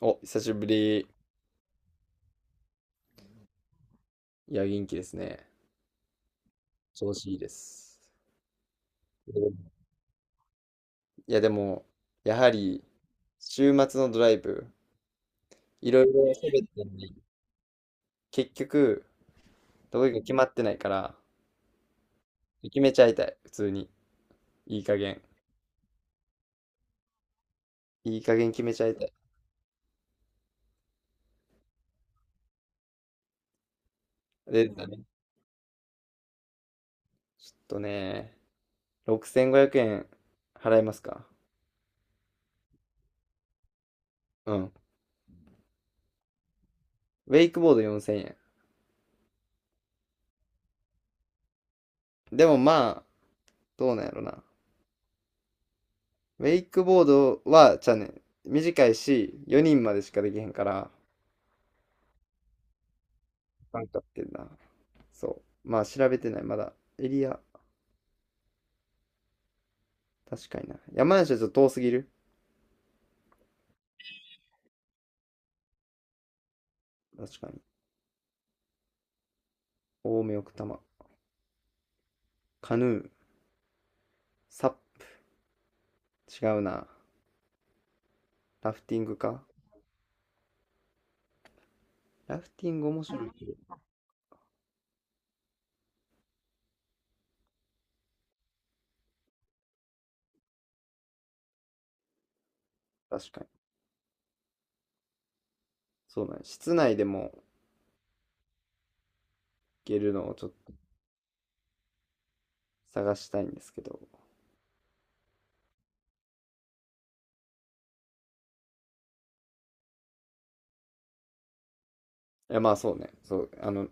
お、久しぶり。いや、元気ですね。調子いいです。いや、でも、やはり、週末のドライブ、いろいろ喋ったのに、結局、どこ行くか決まってないから、決めちゃいたい。普通に。いい加減。いい加減決めちゃいたい。で、だね。ちょっとね、6500円払えますか？うん。ウェイクボード4000円。でもまあ、どうなんやろな。ウェイクボードは、じゃあね、短いし、4人までしかできへんから、間経ってんな。そう。まあ調べてない。まだエリア、確かにな。山梨はちょっと遠すぎる。確かに。青梅奥多摩。カヌー。サップ。違うな。ラフティングか。ラフティング面白いけど。確かに。そうだね。室内でも行けるのをちょっと探したいんですけど。いやまあそうね。そう。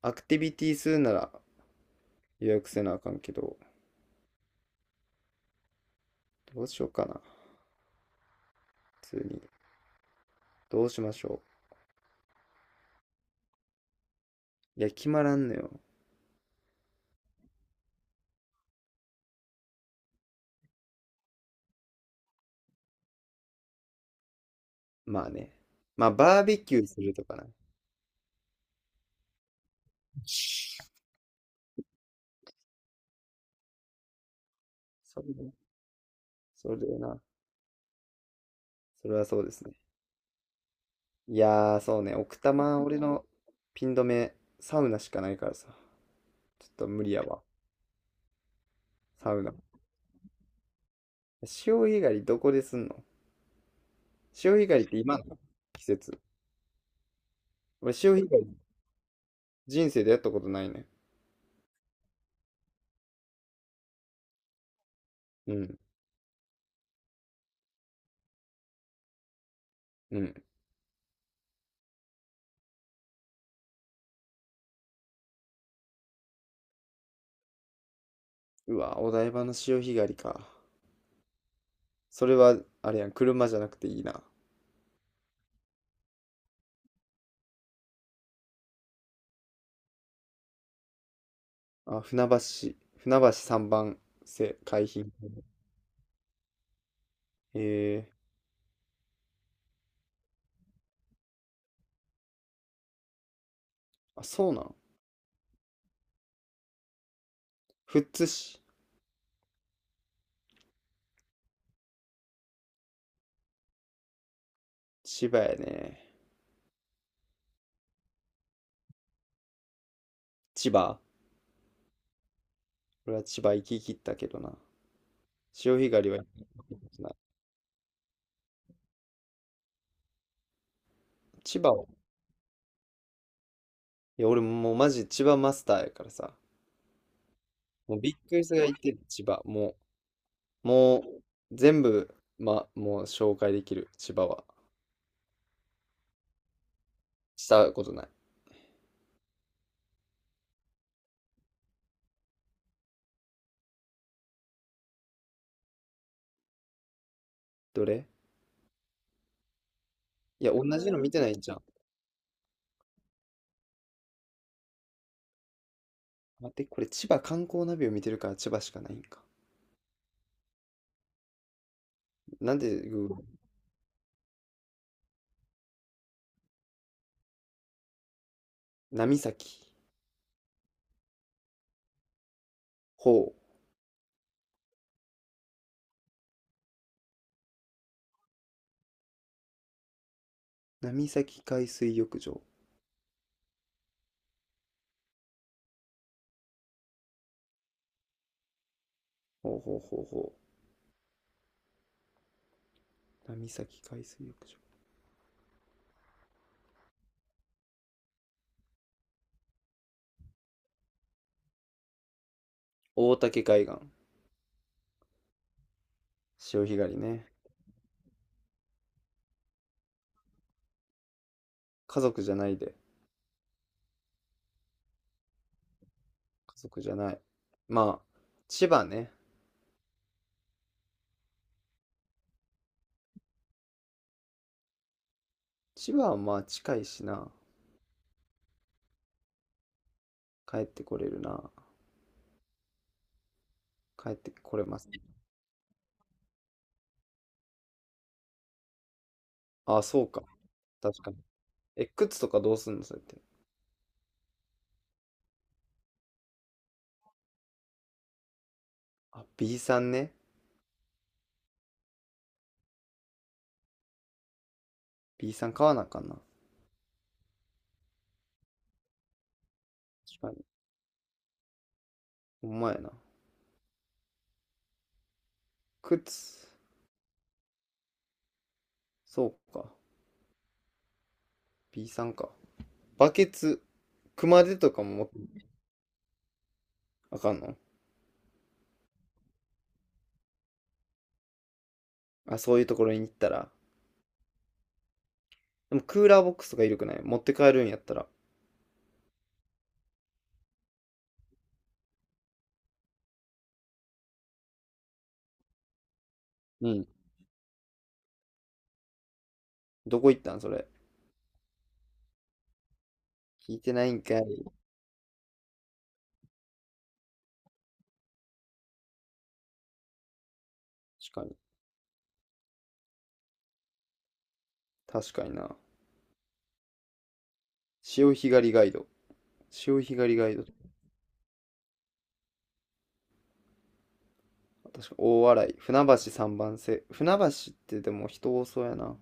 アクティビティするなら予約せなあかんけど、どうしようかな。普通に。どうしましょう。いや、決まらんのよ。まあね。まあバーベキューするとかな。それね。それな。それはそうですね。いやー、そうね。奥多摩、俺のピン止め、サウナしかないからさ。ちょっと無理やわ。サウナ。潮干狩りどこですんの？潮干狩りって今の季節。俺、潮干狩り人生でやったことないね。うん。うん。うわ、お台場の潮干狩りか。それは、あれやん、車じゃなくていいな。あ、船橋、船橋3番瀬海浜。へえー。あ、そうなん。富津市。千葉やね。千葉。俺は千葉行き切ったけどな。潮干狩りは行きな。千葉を。いや、俺もうマジ千葉マスターやからさ。もうびっくりするが行ってる、千葉。もう、全部、ま、もう紹介できる、千葉は。したことない。どれ？いや、同じの見てないんじゃん。待って、これ千葉観光ナビを見てるから千葉しかないんか。なんで、グーグル波崎。ほう。波崎海水浴場。ほうほうほうほう。波崎海水浴場。大竹海岸。潮干狩りね。家族じゃないで。家族じゃない。まあ、千葉ね。千葉はまあ近いしな。帰ってこれるな。帰ってこれます。ああ、そうか。確かに。え、靴とかどうすんのそれって。あ、B さんね。B さん買わなあかんな。確かに。ほんまやな。靴。そうか。B さんか。バケツ。熊手とかも持ってあかんの？あ、そういうところに行ったら。でもクーラーボックスとかいるくない？持って帰るんやったら。うん。どこ行ったんそれ？聞いてないんかい。確かに。確かにな。潮干狩りガイド。潮干狩りガイド。確か大洗。船橋三番瀬。船橋ってでも人多そうやな。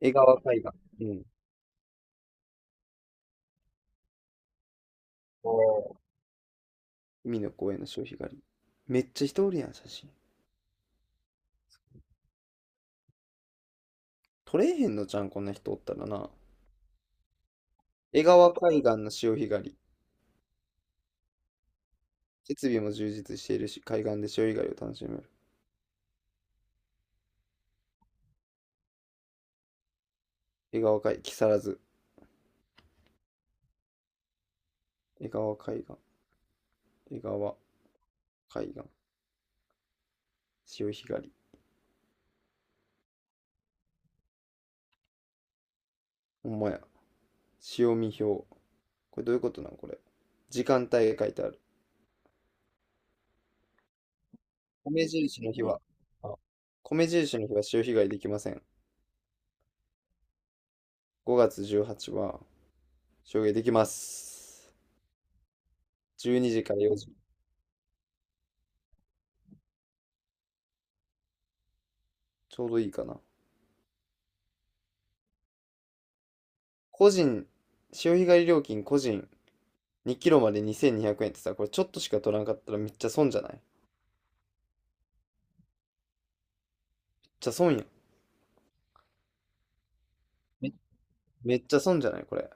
江川海岸。うん。おー海の公園の潮干狩り。めっちゃ人おるやん、写真。撮れへんのじゃん、こんな人おったらな。江川海岸の潮干狩り。設備も充実しているし、海岸で潮干狩りを楽しめる。江川海、木更津。江川海岸。江川海岸。潮干狩り。ほんまや。潮見表。これどういうことなんこれ。時間帯が書いてある。米印の日は、あ、米印の日は潮干狩りできません。5月18はちにちは潮干狩りできます。12時から4時。ちょうどいいかな。個人、潮干狩り料金個人2キロまで2200円ってさ、これちょっとしか取らんかったらめっちゃ損じゃない？めっちゃ損やん。め、めっちゃ損じゃないこれ。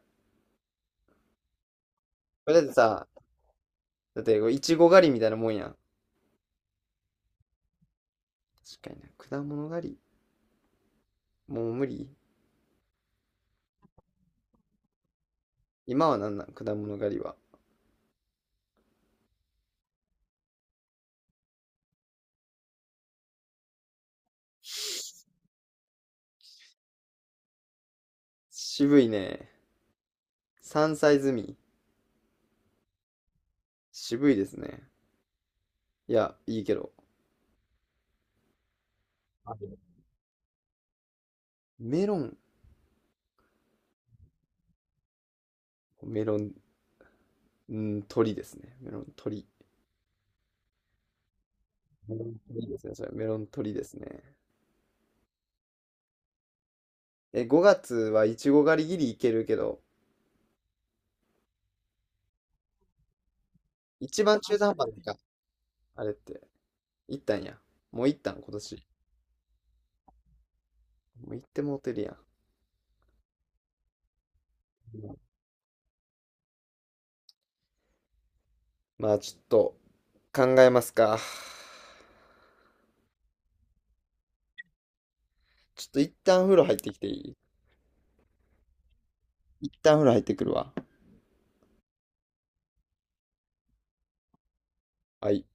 これだってさ、だってこれいちご狩りみたいなもんやん。確かにな。果物狩り。もう無理。今はなんなん果物狩りは。渋いね。山菜摘み。渋いですね。いや、いいけど。あメロン、メロン、う鳥ですね。メロン鳥。メロン鳥ですね。それ、メロン鳥ですね。え、5月はいちご狩りギリいけるけど、一番中途半端なか、あれって。行ったんや。もう行ったん、今年。もう行ってもうてるやん。うん。まあ、ちょっと考えますか。ちょっと一旦風呂入ってきていい？一旦風呂入ってくるわ。はい。